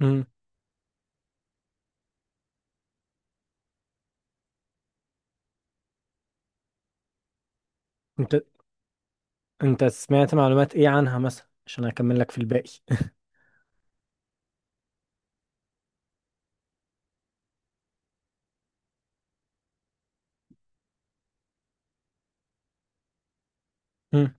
مم. انت انت سمعت معلومات ايه عنها مثلا عشان اكمل لك في الباقي؟ مم.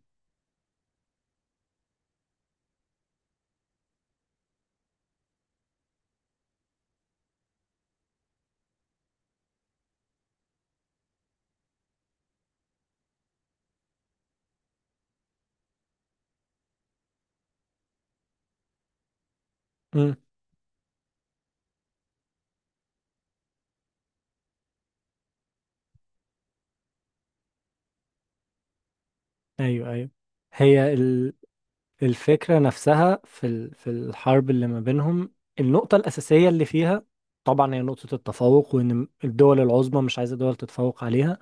مم. ايوه، ايوه. هي الفكرة نفسها في الحرب اللي ما بينهم، النقطة الأساسية اللي فيها طبعا هي نقطة التفوق، وإن الدول العظمى مش عايزة دول تتفوق عليها.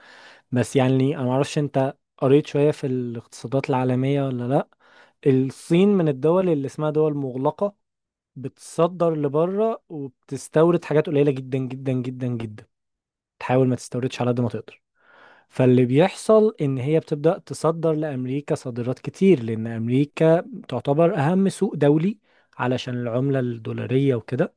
بس يعني أنا معرفش أنت قريت شوية في الاقتصادات العالمية ولا لأ. الصين من الدول اللي اسمها دول مغلقة، بتصدر لبره وبتستورد حاجات قليلة جدا جدا جدا جدا، تحاول ما تستوردش على قد ما تقدر. فاللي بيحصل ان هي بتبدأ تصدر لامريكا صادرات كتير، لان امريكا تعتبر اهم سوق دولي علشان العملة الدولارية وكده،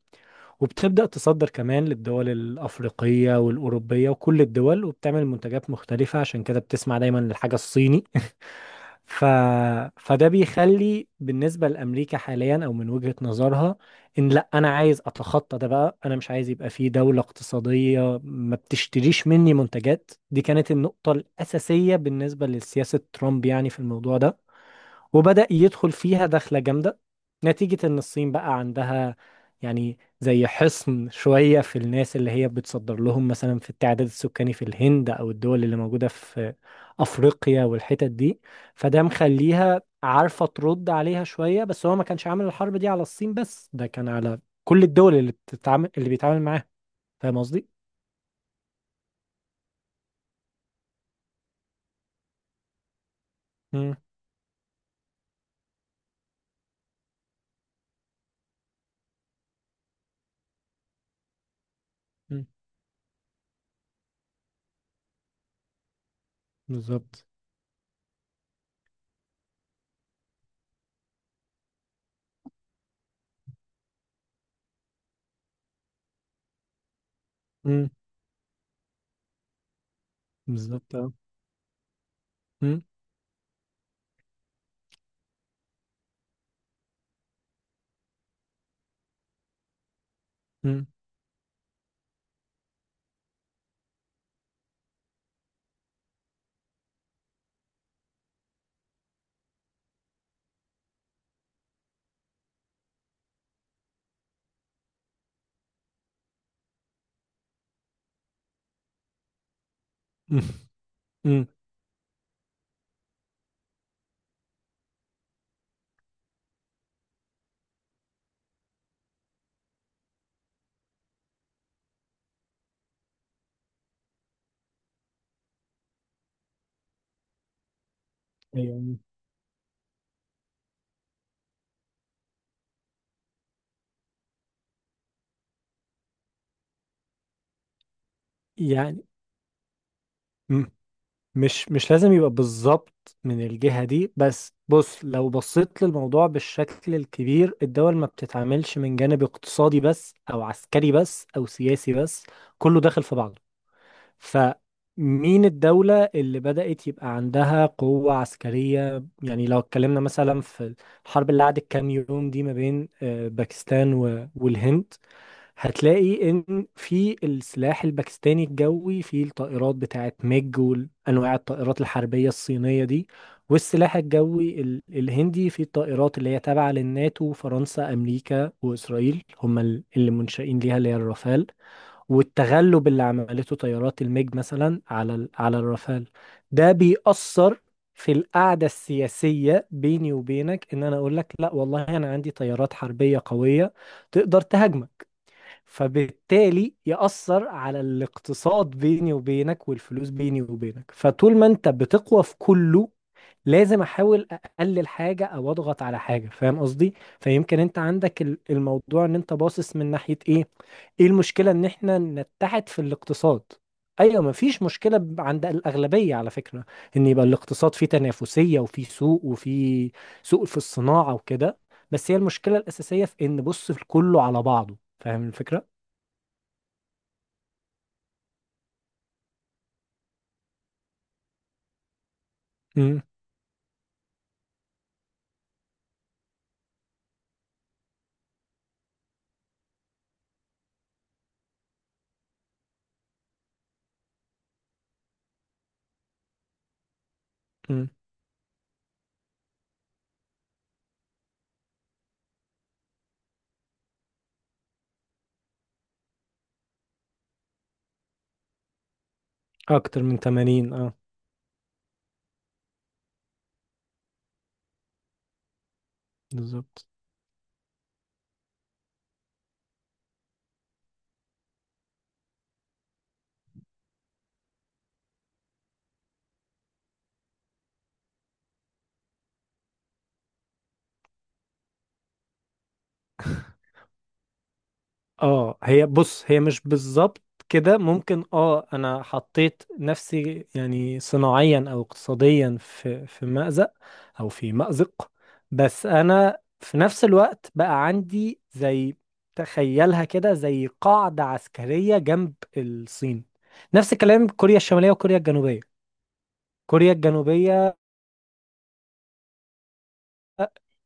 وبتبدأ تصدر كمان للدول الأفريقية والأوروبية وكل الدول، وبتعمل منتجات مختلفة، عشان كده بتسمع دايما للحاجة الصيني ف... فده بيخلي بالنسبة لأمريكا حاليا أو من وجهة نظرها إن لأ أنا عايز أتخطى ده بقى، أنا مش عايز يبقى في دولة اقتصادية ما بتشتريش مني منتجات. دي كانت النقطة الأساسية بالنسبة لسياسة ترامب يعني في الموضوع ده، وبدأ يدخل فيها دخلة جامدة نتيجة إن الصين بقى عندها يعني زي حصن شوية في الناس اللي هي بتصدر لهم، مثلا في التعداد السكاني في الهند أو الدول اللي موجودة في أفريقيا والحتت دي. فده مخليها عارفة ترد عليها شوية، بس هو ما كانش عامل الحرب دي على الصين بس، ده كان على كل الدول اللي بتتعامل، اللي بيتعامل معاها. فاهم قصدي؟ مم. مم. بالظبط. مم. بالظبط، اه. مم. مم. مم. مم. ايوه، يعني. مم. مش لازم يبقى بالظبط من الجهة دي، بس بص، لو بصيت للموضوع بالشكل الكبير، الدول ما بتتعاملش من جانب اقتصادي بس او عسكري بس او سياسي بس، كله داخل في بعضه. فمين الدولة اللي بدأت يبقى عندها قوة عسكرية؟ يعني لو اتكلمنا مثلا في الحرب اللي قعدت كام يوم دي ما بين باكستان و- والهند، هتلاقي ان في السلاح الباكستاني الجوي في الطائرات بتاعت ميج وانواع الطائرات الحربية الصينية دي، والسلاح الجوي الهندي في الطائرات اللي هي تابعة للناتو، فرنسا امريكا واسرائيل هم اللي منشئين ليها اللي هي الرافال. والتغلب اللي عملته طيارات الميج مثلا على الرافال، ده بيأثر في القعدة السياسية بيني وبينك، ان انا اقول لك لا والله انا عندي طيارات حربية قوية تقدر تهاجمك. فبالتالي يأثر على الاقتصاد بيني وبينك والفلوس بيني وبينك. فطول ما انت بتقوى في كله، لازم احاول اقلل حاجة او اضغط على حاجة. فاهم قصدي؟ فيمكن انت عندك الموضوع ان انت باصص من ناحية ايه. ايه المشكلة ان احنا نتحد في الاقتصاد؟ ايوه، مفيش مشكلة عند الاغلبية على فكرة، ان يبقى الاقتصاد فيه تنافسية وفيه سوق وفيه سوق في الصناعة وكده. بس هي المشكلة الاساسية في ان بص في كله على بعضه. فاهم الفكرة؟ مم. مم. اكتر من 80، اه. بالظبط، اه. هي بص، هي مش بالظبط كده، ممكن اه انا حطيت نفسي يعني صناعيا او اقتصاديا في مأزق او في مأزق، بس انا في نفس الوقت بقى عندي زي، تخيلها كده زي قاعدة عسكرية جنب الصين. نفس الكلام كوريا الشمالية وكوريا الجنوبية. كوريا الجنوبية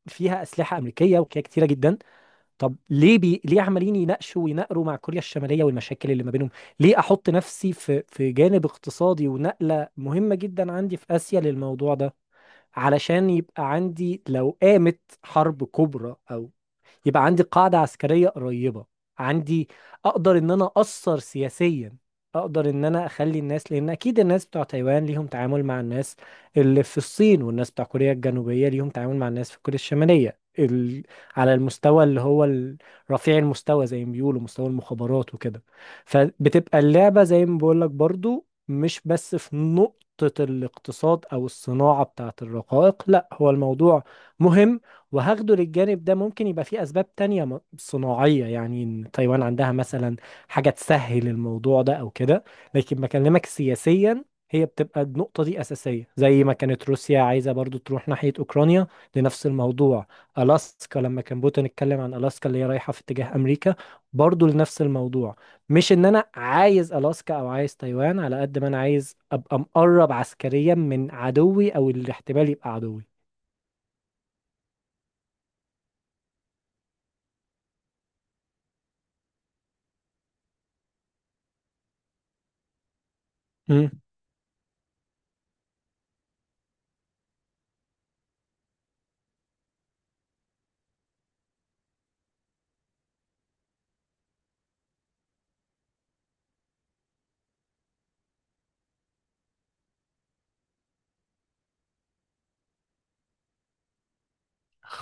فيها أسلحة أمريكية وكده كتيرة جدا. طب ليه ليه عمالين يناقشوا ويناقروا مع كوريا الشمالية والمشاكل اللي ما بينهم؟ ليه احط نفسي في في جانب اقتصادي ونقلة مهمة جدا عندي في آسيا للموضوع ده؟ علشان يبقى عندي، لو قامت حرب كبرى او، يبقى عندي قاعدة عسكرية قريبة عندي، اقدر ان انا اثر سياسيا، اقدر ان انا اخلي الناس، لان اكيد الناس بتوع تايوان ليهم تعامل مع الناس اللي في الصين، والناس بتوع كوريا الجنوبية ليهم تعامل مع الناس في كوريا الشمالية على المستوى اللي هو رفيع المستوى زي ما بيقولوا، مستوى المخابرات وكده. فبتبقى اللعبة زي ما بقول لك برضو مش بس في نقطة الاقتصاد او الصناعة بتاعت الرقائق، لا، هو الموضوع مهم. وهاخده للجانب ده، ممكن يبقى فيه أسباب تانية صناعية، يعني إن تايوان عندها مثلا حاجة تسهل الموضوع ده أو كده، لكن بكلمك سياسيا هي بتبقى النقطة دي أساسية. زي ما كانت روسيا عايزة برضو تروح ناحية أوكرانيا لنفس الموضوع. ألاسكا لما كان بوتين اتكلم عن ألاسكا اللي هي رايحة في اتجاه أمريكا، برضو لنفس الموضوع. مش إن أنا عايز ألاسكا أو عايز تايوان على قد ما أنا عايز أبقى مقرب عسكريا من عدوي أو الاحتمال يبقى عدوي.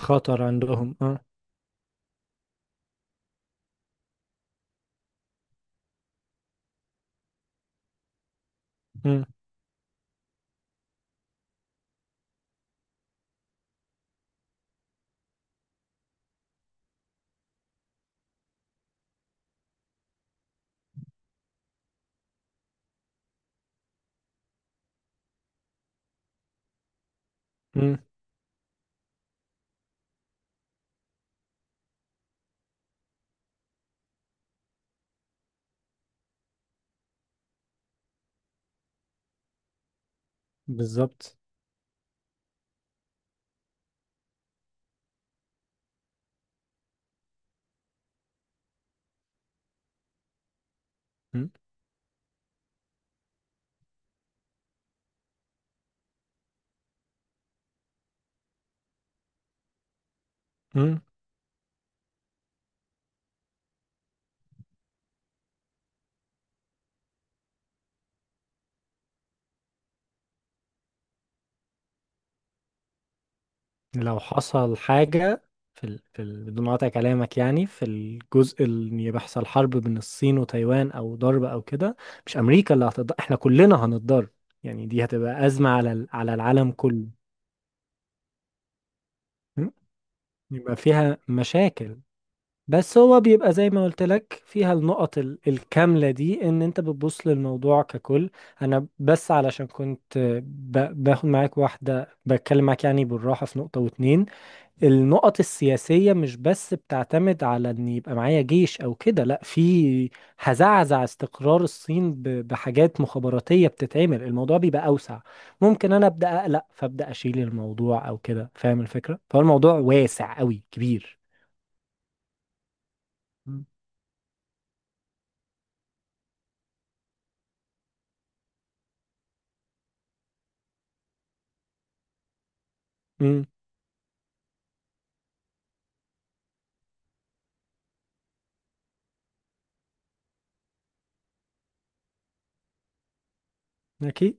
خطر عندهم، اه. مم. مم. بالظبط. مم. مم. لو حصل حاجة بدون قطع كلامك، يعني في الجزء اللي يحصل حرب بين الصين وتايوان أو ضرب أو كده، مش أمريكا اللي هتضر، احنا كلنا هنتضر. يعني دي هتبقى أزمة على العالم كله. مم. يبقى فيها مشاكل، بس هو بيبقى زي ما قلت لك فيها النقط الكاملة دي، ان انت بتبص للموضوع ككل. انا بس علشان كنت باخد معاك واحدة، بتكلم معاك يعني بالراحة في نقطة واتنين. النقط السياسية مش بس بتعتمد على ان يبقى معايا جيش او كده، لا، في هزعزع استقرار الصين بحاجات مخابراتية بتتعمل، الموضوع بيبقى اوسع، ممكن انا ابدا اقلق فابدا اشيل الموضوع او كده. فاهم الفكرة؟ فالموضوع واسع قوي كبير. مم. امم. اكيد،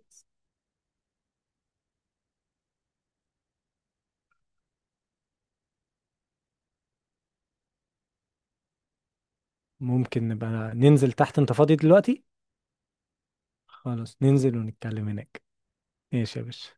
ممكن نبقى ننزل تحت، انت فاضي دلوقتي؟ خلاص، ننزل ونتكلم هناك. ماشي يا باشا.